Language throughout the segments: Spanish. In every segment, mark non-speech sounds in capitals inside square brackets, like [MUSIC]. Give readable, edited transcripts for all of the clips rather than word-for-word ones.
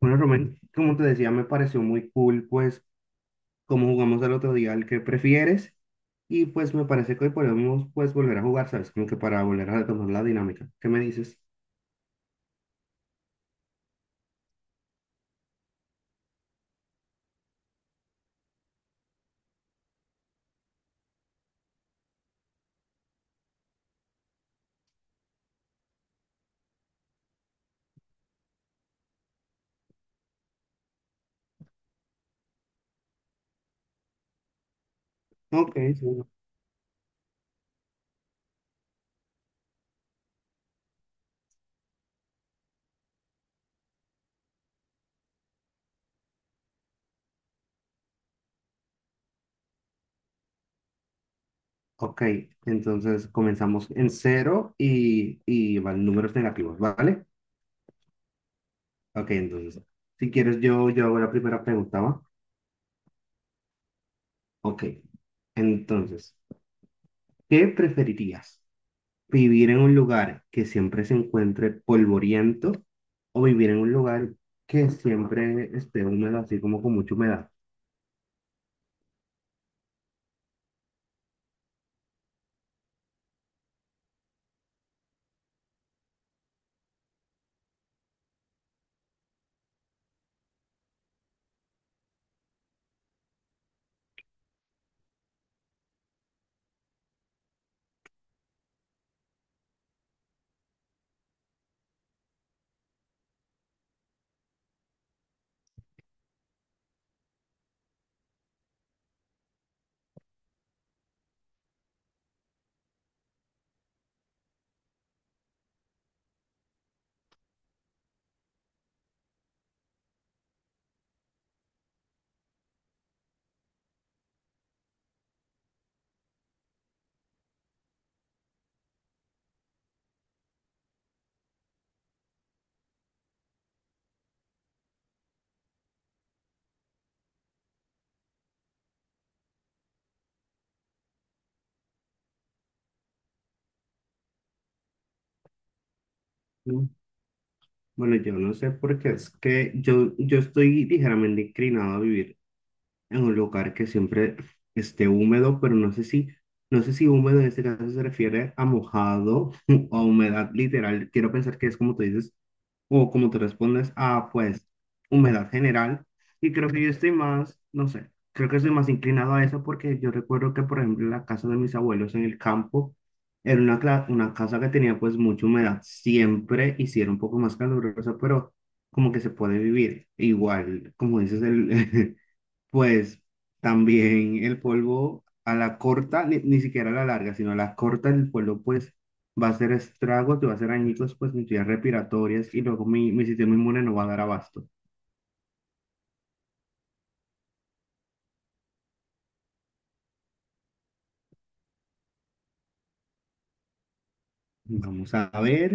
Bueno, Rubén, como te decía, me pareció muy cool, pues, como jugamos el otro día, el que prefieres, y pues me parece que hoy podemos, pues, volver a jugar, ¿sabes? Como que para volver a retomar la dinámica. ¿Qué me dices? Ok, sí. Ok, entonces comenzamos en cero y van números negativos, ¿vale? Ok, entonces, si quieres, yo hago la primera pregunta, ¿va? Ok, entonces, ¿qué preferirías? Vivir en un lugar que siempre se encuentre polvoriento o vivir en un lugar que siempre esté húmedo, así como con mucha humedad. Mm, Bueno, yo no sé por qué es que yo estoy ligeramente inclinado a vivir en un lugar que siempre esté húmedo, pero no sé si húmedo en este caso se refiere a mojado [LAUGHS] o a humedad literal. Quiero pensar que es como tú dices, o como tú respondes, ah, pues, humedad general. Y creo que yo estoy más, no sé, creo que estoy más inclinado a eso porque yo recuerdo que, por ejemplo, la casa de mis abuelos en el campo era una casa que tenía pues mucha humedad siempre y sí era un poco más calurosa, pero como que se puede vivir. Igual, como dices, el, [LAUGHS] pues también el polvo a la corta, ni siquiera a la larga, sino a la corta el polvo pues va a hacer estragos, te va a hacer añicos pues mis vías respiratorias y luego mi, mi sistema inmune no va a dar abasto. Vamos a ver.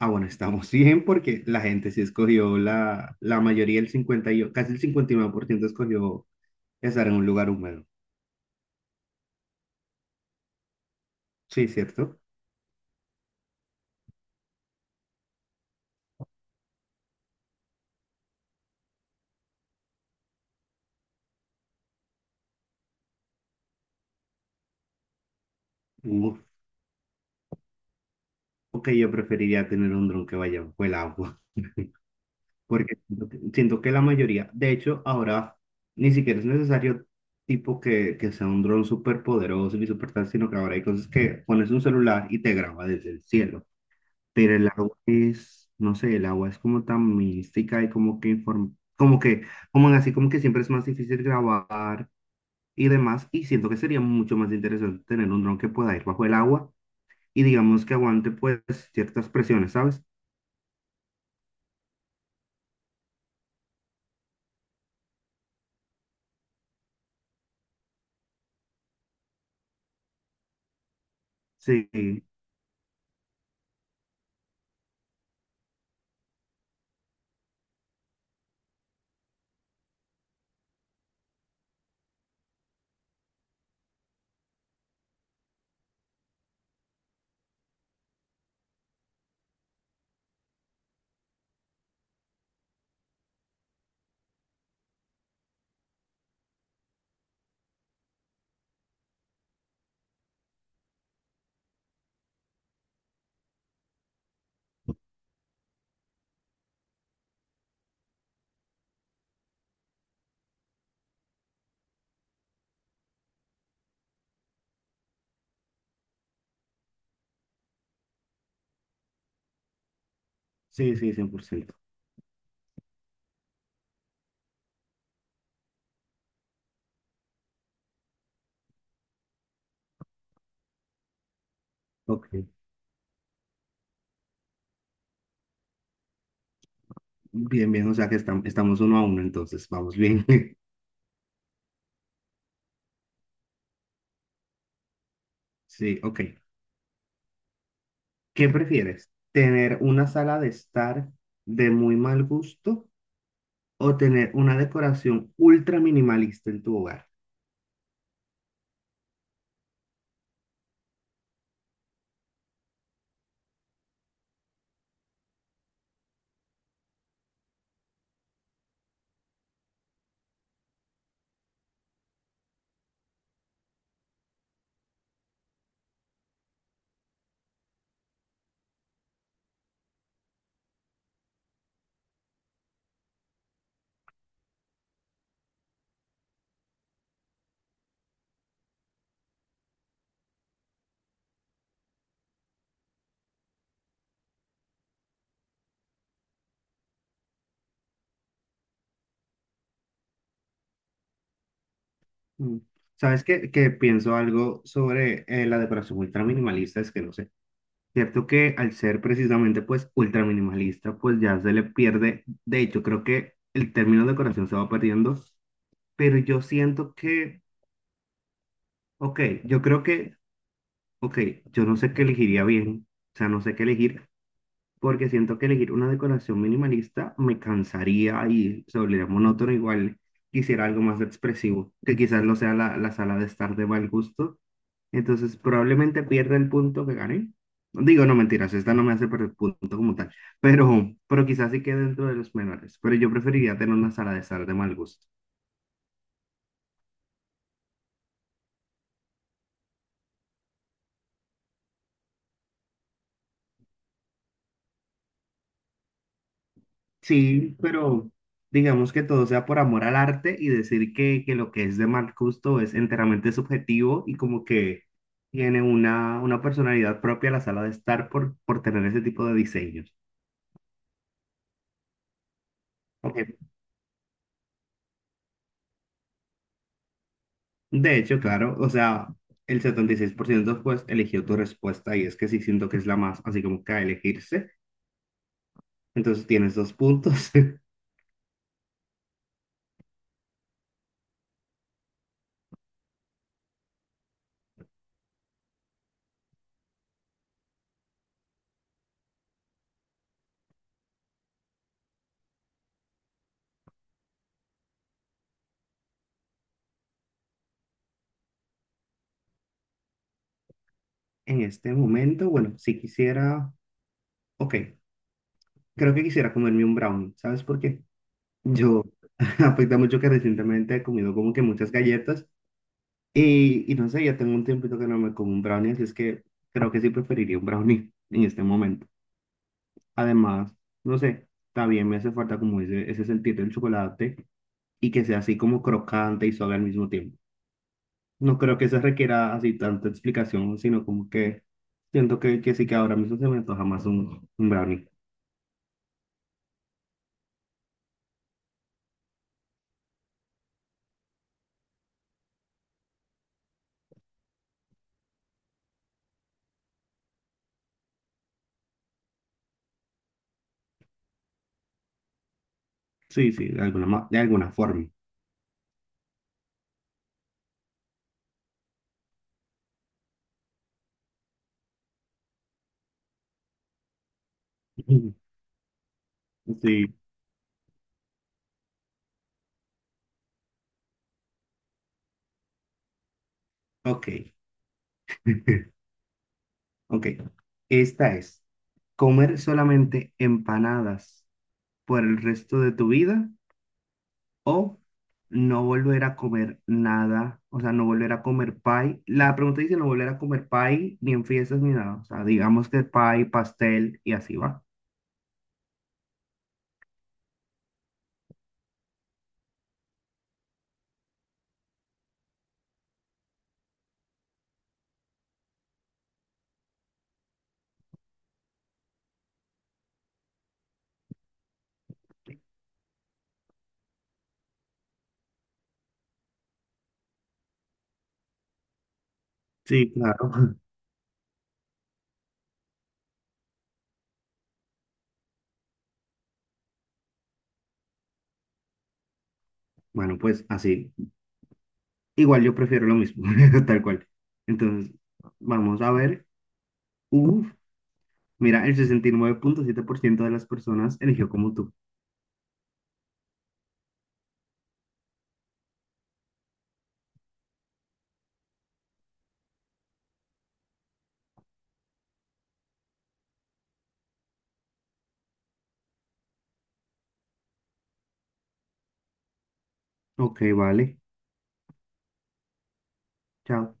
Ah, bueno, estamos [LAUGHS] bien porque la gente sí escogió la mayoría, el casi el 59% escogió estar en un lugar húmedo. Sí, ¿cierto? Uf, ok, yo preferiría tener un dron que vaya bajo el agua. [LAUGHS] Porque siento que la mayoría, de hecho, ahora ni siquiera es necesario tipo que sea un dron súper poderoso ni súper tal, sino que ahora hay cosas que pones un celular y te graba desde el cielo. Pero el agua es, no sé, el agua es como tan mística y como que como que, como en así, como que siempre es más difícil grabar y demás. Y siento que sería mucho más interesante tener un dron que pueda ir bajo el agua y digamos que aguante pues ciertas presiones, ¿sabes? Sí, sí, sí, 100%. Ok. Bien, bien, o sea que estamos 1-1, entonces vamos bien. [LAUGHS] Sí, ok. ¿Qué prefieres? ¿Tener una sala de estar de muy mal gusto o tener una decoración ultra minimalista en tu hogar? Mm. ¿Sabes qué? Que pienso algo sobre la decoración ultra minimalista, es que no sé. Cierto que al ser precisamente pues ultra minimalista, pues ya se le pierde. De hecho, creo que el término decoración se va perdiendo, pero yo siento que, ok, yo creo que, ok, yo no sé qué elegiría bien, o sea, no sé qué elegir, porque siento que elegir una decoración minimalista me cansaría y se volvería monótono igual. Quisiera algo más expresivo, que quizás no sea la sala de estar de mal gusto. Entonces, probablemente pierda el punto que gané. Digo, no mentiras, esta no me hace perder punto como tal, pero quizás sí quede dentro de los menores. Pero yo preferiría tener una sala de estar de mal gusto. Sí, pero digamos que todo sea por amor al arte y decir que lo que es de mal gusto es enteramente subjetivo y como que tiene una personalidad propia la sala de estar por tener ese tipo de diseños. Ok. De hecho, claro, o sea, el 76% pues eligió tu respuesta y es que sí siento que es la más así como que a elegirse. Entonces tienes dos puntos [LAUGHS] en este momento. Bueno, si quisiera, ok, creo que quisiera comerme un brownie, ¿sabes por qué? Yo, [LAUGHS] afecta mucho que recientemente he comido como que muchas galletas y no sé, ya tengo un tiempito que no me como un brownie, así es que creo que sí preferiría un brownie [LAUGHS] en este momento. Además, no sé, también me hace falta como ese sentir del chocolate y que sea así como crocante y suave al mismo tiempo. No creo que eso requiera así tanta explicación, sino como que siento que sí que ahora mismo se me antoja más un brownie. Sí, sí, de alguna, de alguna forma. [LAUGHS] Sí, ok. [LAUGHS] Ok, esta es, ¿comer solamente empanadas por el resto de tu vida o no volver a comer nada? O sea, no volver a comer pie. La pregunta dice no volver a comer pie ni en fiestas ni nada. O sea, digamos que pie, pastel y así va. Sí, claro. [LAUGHS] Bueno, pues así. Igual yo prefiero lo mismo, [LAUGHS] tal cual. Entonces, vamos a ver. Uf, mira, el 69,7% de las personas eligió como tú. Ok, vale. Chao.